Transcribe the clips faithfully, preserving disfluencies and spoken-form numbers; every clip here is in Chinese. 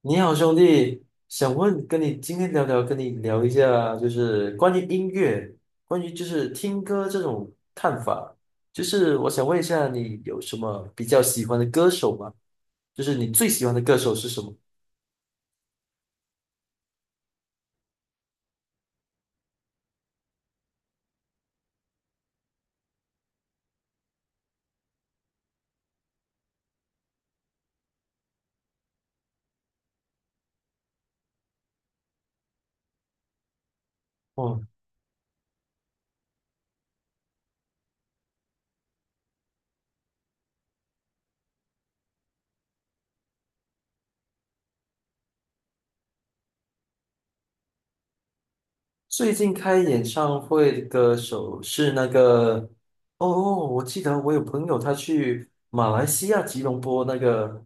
你好，兄弟，想问跟你今天聊聊，跟你聊一下，就是关于音乐，关于就是听歌这种看法，就是我想问一下，你有什么比较喜欢的歌手吗？就是你最喜欢的歌手是什么？哦。最近开演唱会的歌手是那个，哦哦，我记得我有朋友他去马来西亚吉隆坡那个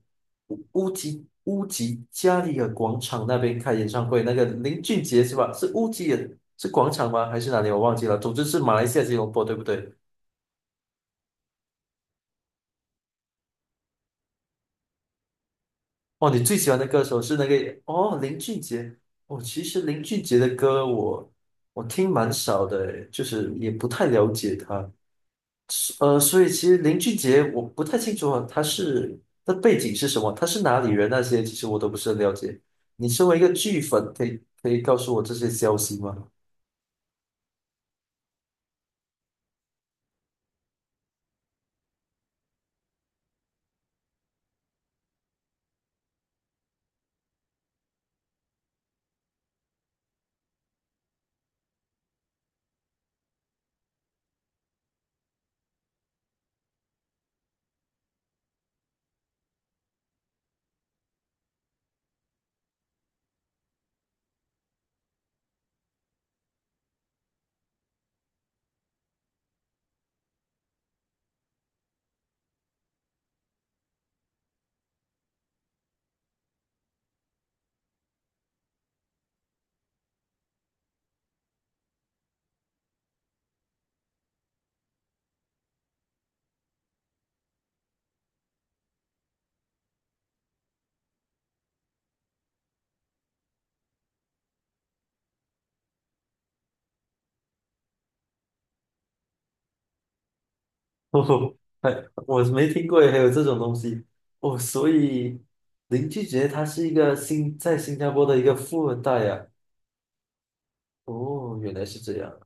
乌乌吉乌吉加里尔广场那边开演唱会，那个林俊杰是吧？是乌吉尔是广场吗？还是哪里？我忘记了。总之是马来西亚吉隆坡，对不对？哦，你最喜欢的歌手是那个哦林俊杰。哦，其实林俊杰的歌我我听蛮少的，就是也不太了解他。呃，所以其实林俊杰我不太清楚啊，他是他背景是什么，他是哪里人那些，其实我都不是很了解。你身为一个剧粉，可以可以告诉我这些消息吗？哦，还我没听过，还有这种东西哦。所以林俊杰他是一个新在新加坡的一个富二代呀、啊。哦，原来是这样。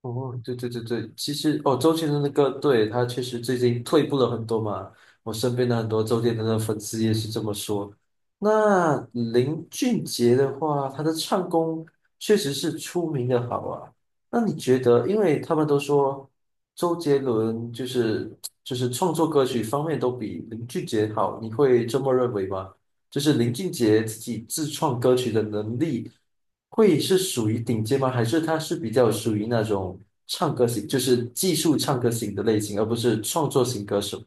哦，对对对对，其实哦，周杰伦的歌，对，他确实最近退步了很多嘛。我身边的很多周杰伦的粉丝也是这么说。那林俊杰的话，他的唱功确实是出名的好啊。那你觉得，因为他们都说周杰伦就是就是创作歌曲方面都比林俊杰好，你会这么认为吗？就是林俊杰自己自创歌曲的能力。会是属于顶尖吗？还是他是比较属于那种唱歌型，就是技术唱歌型的类型，而不是创作型歌手？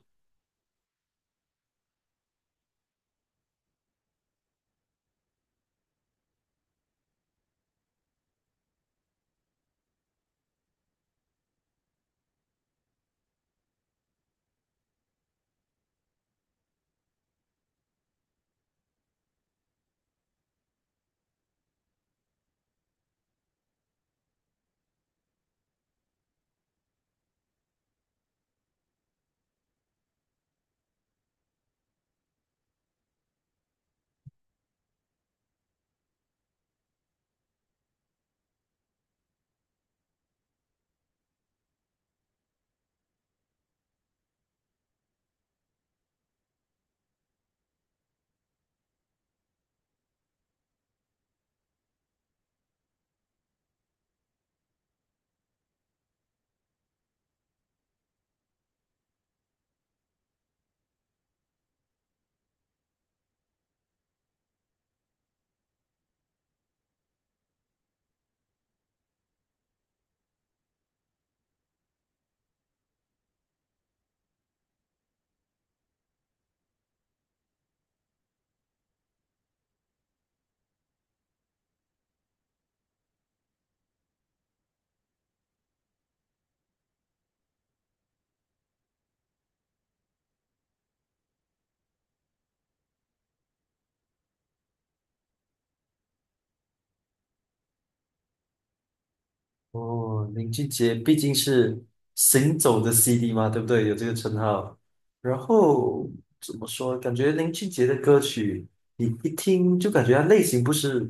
哦，林俊杰毕竟是行走的 C D 嘛，对不对？有这个称号。然后怎么说？感觉林俊杰的歌曲，你一听就感觉它类型不是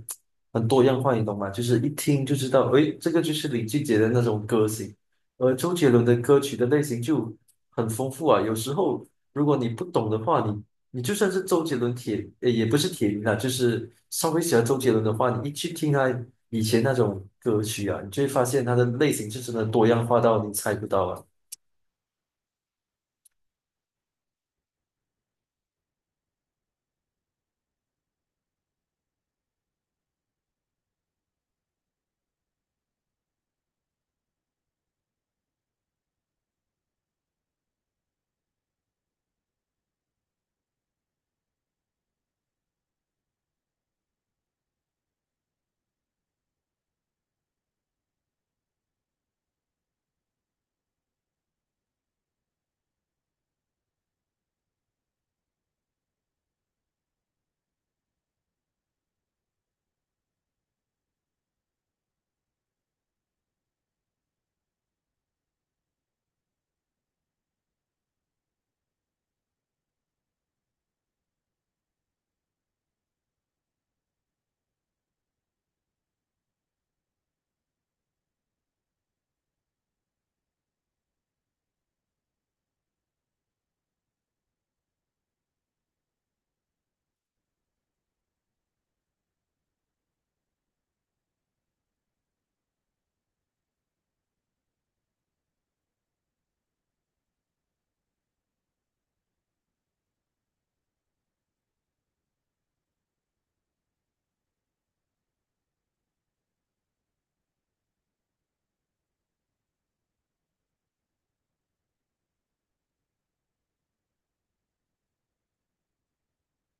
很多样化，你懂吗？就是一听就知道，诶，这个就是林俊杰的那种歌型。而周杰伦的歌曲的类型就很丰富啊，有时候如果你不懂的话，你你就算是周杰伦铁，呃也不是铁一啦，就是稍微喜欢周杰伦的话，你一去听他。以前那种歌曲啊，你就会发现它的类型是真的多样化到你猜不到啊。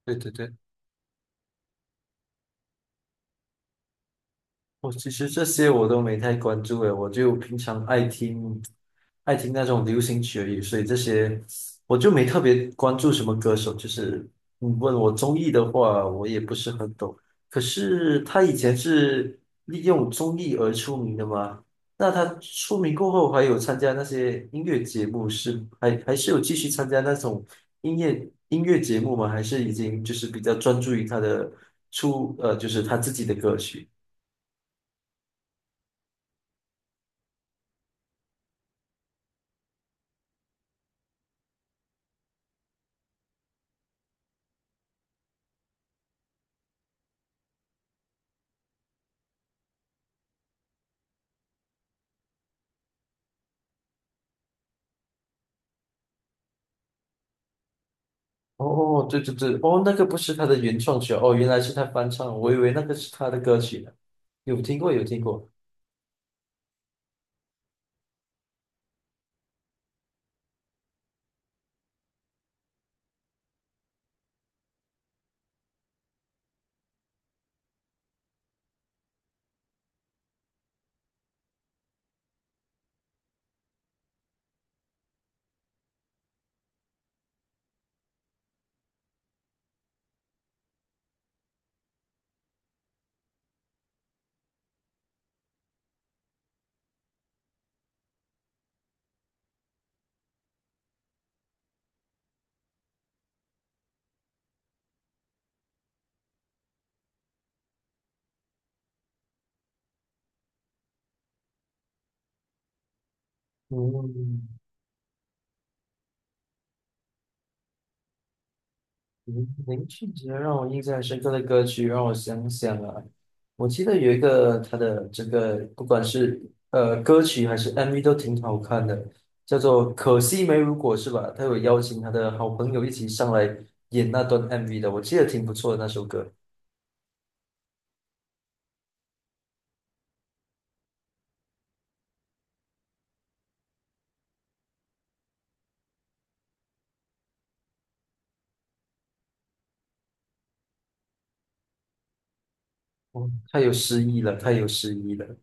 对对对。我其实这些我都没太关注诶，我就平常爱听爱听那种流行曲而已，所以这些我就没特别关注什么歌手。就是你问我综艺的话，我也不是很懂。可是他以前是利用综艺而出名的吗？那他出名过后，还有参加那些音乐节目是，还还是有继续参加那种音乐音乐节目吗？还是已经就是比较专注于他的出呃，就是他自己的歌曲？哦，对对对，哦，那个不是他的原创曲啊哦，原来是他翻唱，我以为那个是他的歌曲呢。有听过，有听过。嗯，林林俊杰让我印象很深刻的歌曲，让我想想啊，我记得有一个他的这个，不管是呃歌曲还是 M V 都挺好看的，叫做《可惜没如果》是吧？他有邀请他的好朋友一起上来演那段 M V 的，我记得挺不错的那首歌。哦，太有诗意了，太有诗意了。